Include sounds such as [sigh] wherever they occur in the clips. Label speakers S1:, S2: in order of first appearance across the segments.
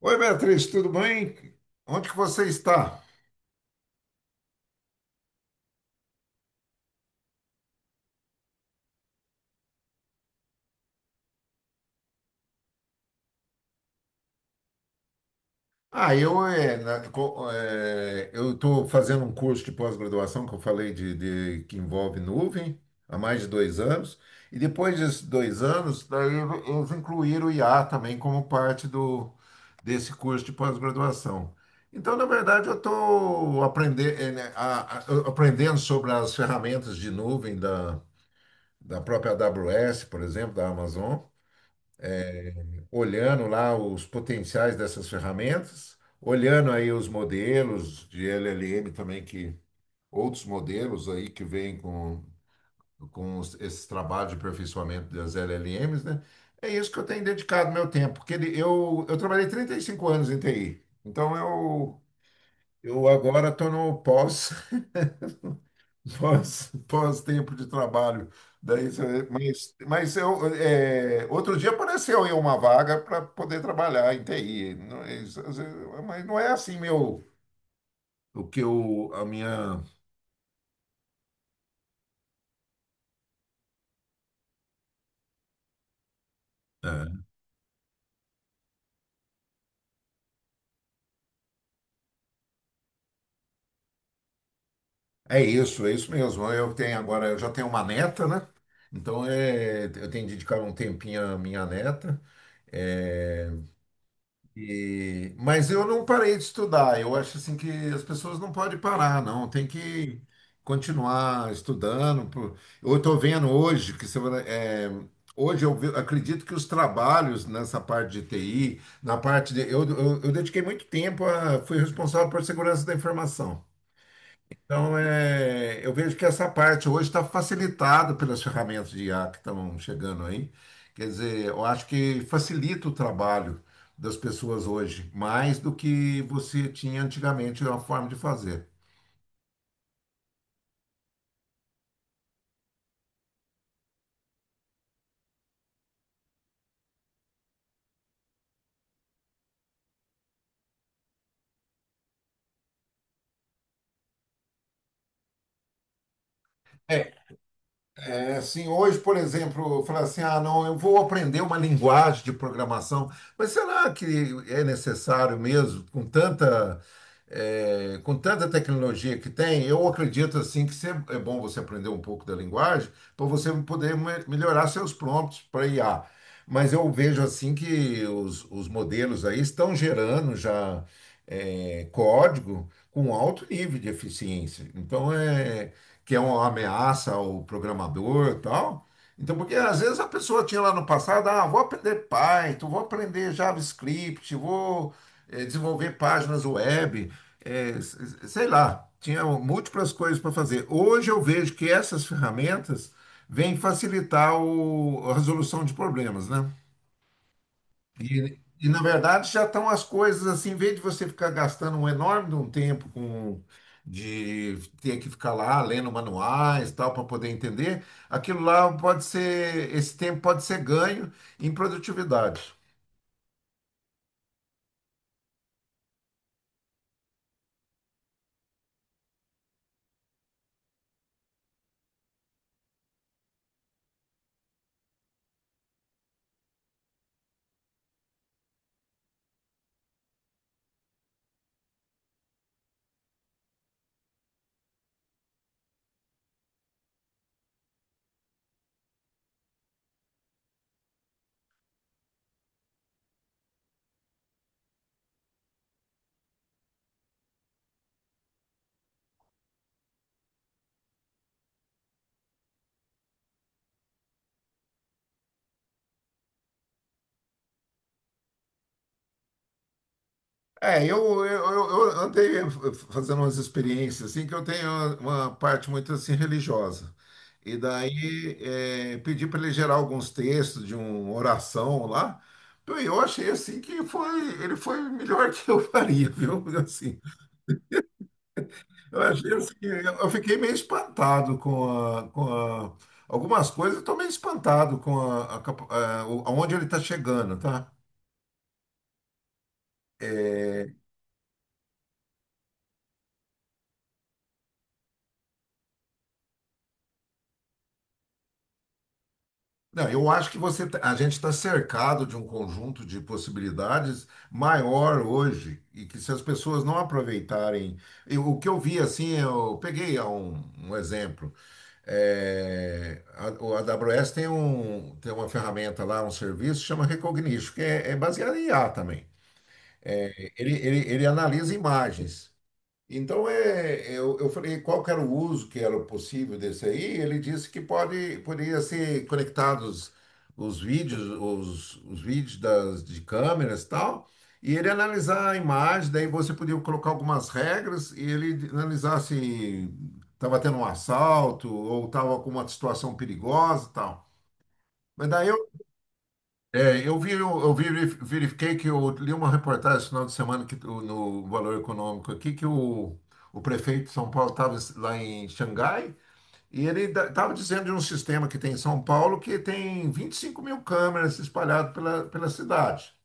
S1: Oi, Beatriz, tudo bem? Onde que você está? Ah, eu é, na- co- é, eu estou fazendo um curso de pós-graduação que eu falei que envolve nuvem há mais de 2 anos. E depois desses 2 anos, eles incluíram o IA também como parte do desse curso de pós-graduação. Então, na verdade, eu estou aprendendo sobre as ferramentas de nuvem da própria AWS, por exemplo, da Amazon. Olhando lá os potenciais dessas ferramentas, olhando aí os modelos de LLM também, que outros modelos aí que vêm com esses trabalhos de aperfeiçoamento das LLMs, né? É isso que eu tenho dedicado meu tempo, porque eu trabalhei 35 anos em TI, então eu agora estou no pós. [laughs] Pós-tempo de trabalho. Daí, mas, outro dia apareceu aí uma vaga para poder trabalhar em TI. Não é isso, às vezes. Mas não é assim meu, o que eu, a minha. É, é isso mesmo. Eu tenho agora, eu já tenho uma neta, né? Então eu tenho dedicado um tempinho à minha neta. É, mas eu não parei de estudar. Eu acho assim que as pessoas não podem parar, não. Tem que continuar estudando. Eu estou vendo hoje que hoje acredito que os trabalhos nessa parte de TI, na parte de, eu dediquei muito tempo a, fui responsável por segurança da informação. Então, eu vejo que essa parte hoje está facilitada pelas ferramentas de IA que estão chegando aí. Quer dizer, eu acho que facilita o trabalho das pessoas hoje, mais do que você tinha antigamente uma forma de fazer. É, É, assim, hoje, por exemplo, falar assim, ah, não, eu vou aprender uma linguagem de programação, mas será que é necessário mesmo, com tanta tecnologia que tem? Eu acredito, assim, que é bom você aprender um pouco da linguagem para você poder melhorar seus prompts para IA. Mas eu vejo, assim, que os modelos aí estão gerando já código com alto nível de eficiência. Então, é que é uma ameaça ao programador e tal. Então, porque às vezes a pessoa tinha lá no passado, ah, vou aprender Python, vou aprender JavaScript, vou desenvolver páginas web, sei lá, tinha múltiplas coisas para fazer. Hoje eu vejo que essas ferramentas vêm facilitar a resolução de problemas, né? E, na verdade, já estão as coisas assim, em vez de você ficar gastando um enorme de um tempo com de ter que ficar lá lendo manuais tal para poder entender, aquilo lá pode ser, esse tempo pode ser ganho em produtividade. Eu andei fazendo umas experiências assim que eu tenho uma parte muito assim religiosa. E daí pedi para ele gerar alguns textos de uma oração lá. Então, Eu achei assim que foi, ele foi melhor [laughs] que eu faria, viu? Assim, eu achei assim, eu fiquei meio espantado a, com a- algumas coisas, eu estou meio espantado com a, capa- a- o- aonde ele está chegando, tá? É, não, eu acho que a gente está cercado de um conjunto de possibilidades maior hoje e que se as pessoas não aproveitarem, o que eu vi assim, eu peguei um exemplo. O AWS tem um, tem uma ferramenta lá, um serviço chama Recognition, que é baseado em IA também. Ele analisa imagens. Então, eu falei qual que era o uso que era possível desse aí. Ele disse que poderia ser conectados os vídeos, os vídeos de câmeras e tal, e ele analisar a imagem, daí você podia colocar algumas regras e ele analisar se estava tendo um assalto ou estava com uma situação perigosa e tal. Mas daí eu verifiquei que eu li uma reportagem no final de semana que, no Valor Econômico aqui que o prefeito de São Paulo estava lá em Xangai e ele estava dizendo de um sistema que tem em São Paulo que tem 25 mil câmeras espalhadas pela cidade.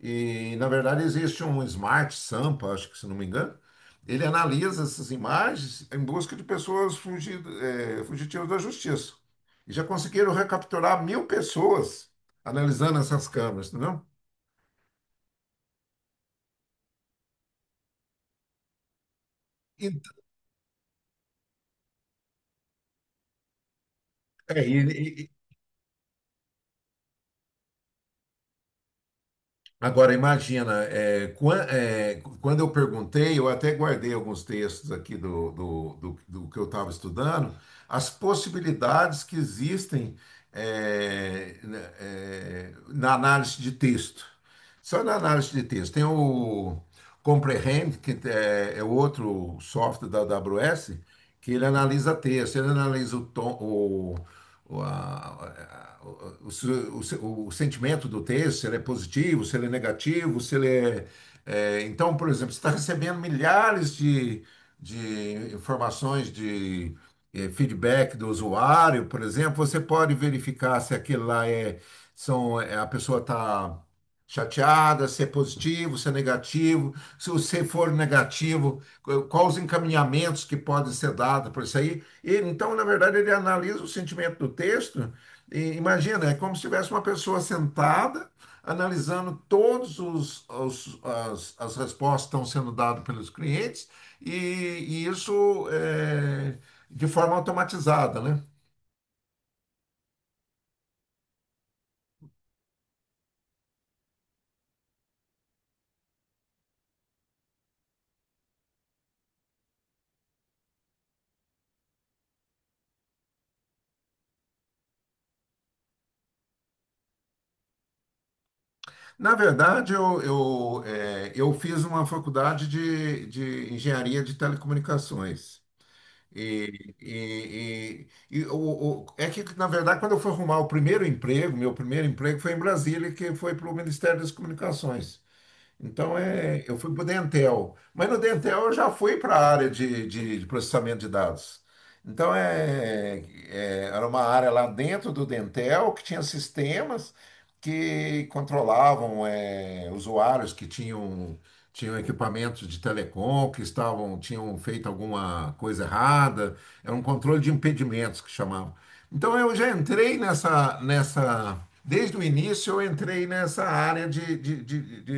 S1: E, na verdade, existe um Smart Sampa, acho que, se não me engano. Ele analisa essas imagens em busca de pessoas fugitivas da justiça. E já conseguiram recapturar 1.000 pessoas analisando essas câmeras, entendeu? E, é, e- Agora, imagina, quando eu perguntei, eu até guardei alguns textos aqui do que eu estava estudando, as possibilidades que existem, né, na análise de texto. Só na análise de texto. Tem o Comprehend, que é outro software da AWS, que ele analisa texto, ele analisa o tom, o, a- o, o sentimento do texto, se ele é positivo, se ele é negativo, se ele é. Então, por exemplo, você está recebendo milhares de informações de feedback do usuário, por exemplo, você pode verificar se aquele lá é. A pessoa está chateada, se é positivo, se é negativo. Se você for negativo, quais os encaminhamentos que podem ser dados por isso aí? Então, na verdade, ele analisa o sentimento do texto. E imagina, é como se tivesse uma pessoa sentada, analisando todos as respostas que estão sendo dadas pelos clientes, e isso é, de forma automatizada, né? Na verdade, eu fiz uma faculdade de engenharia de telecomunicações. E é que, na verdade, quando eu fui arrumar o primeiro emprego, meu primeiro emprego foi em Brasília, que foi para o Ministério das Comunicações. Então, eu fui para o Dentel, mas no Dentel eu já fui para a área de processamento de dados. Então, era uma área lá dentro do Dentel que tinha sistemas que controlavam, usuários que tinham equipamentos de telecom, que tinham feito alguma coisa errada. Era um controle de impedimentos que chamava. Então eu já entrei nessa, nessa desde o início eu entrei nessa área de, de, de, de,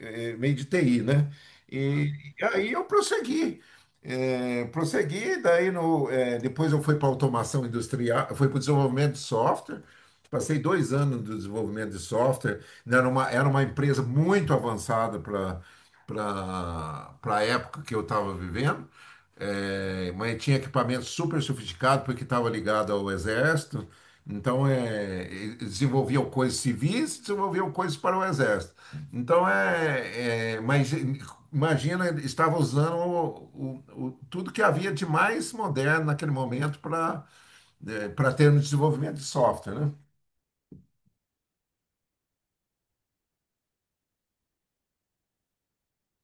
S1: eh, eh, meio de TI, né? E, uhum. E aí eu prossegui, daí no, eh, depois eu fui para automação industrial, fui para o desenvolvimento de software, passei 2 anos no desenvolvimento de software, né? Era uma empresa muito avançada para a época que eu estava vivendo. É, mas tinha equipamento super sofisticado porque estava ligado ao exército. Então, desenvolviam coisas civis, desenvolviam coisas para o exército. Então, mas imagina, ele estava usando tudo que havia de mais moderno naquele momento para ter um desenvolvimento de software, né?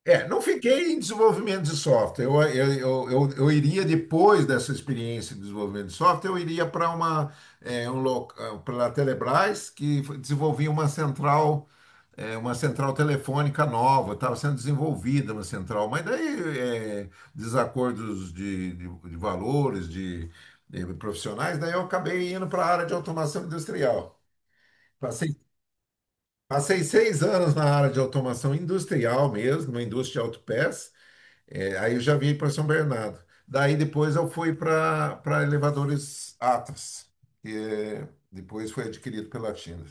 S1: É, não fiquei em desenvolvimento de software. Eu iria, depois dessa experiência de desenvolvimento de software, eu iria para uma para a Telebrás, que desenvolvia uma central, uma central telefônica nova, estava sendo desenvolvida uma central, mas daí desacordos de valores, de profissionais, daí eu acabei indo para a área de automação industrial. Passei, passei 6 anos na área de automação industrial mesmo, na indústria de autopeças. É, aí eu já vim para São Bernardo. Daí depois eu fui para Elevadores Atlas, que depois foi adquirido pela China.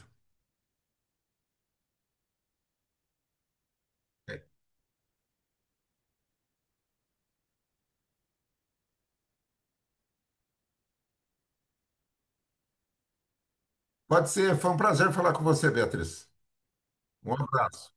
S1: Pode ser, foi um prazer falar com você, Beatriz. Um abraço.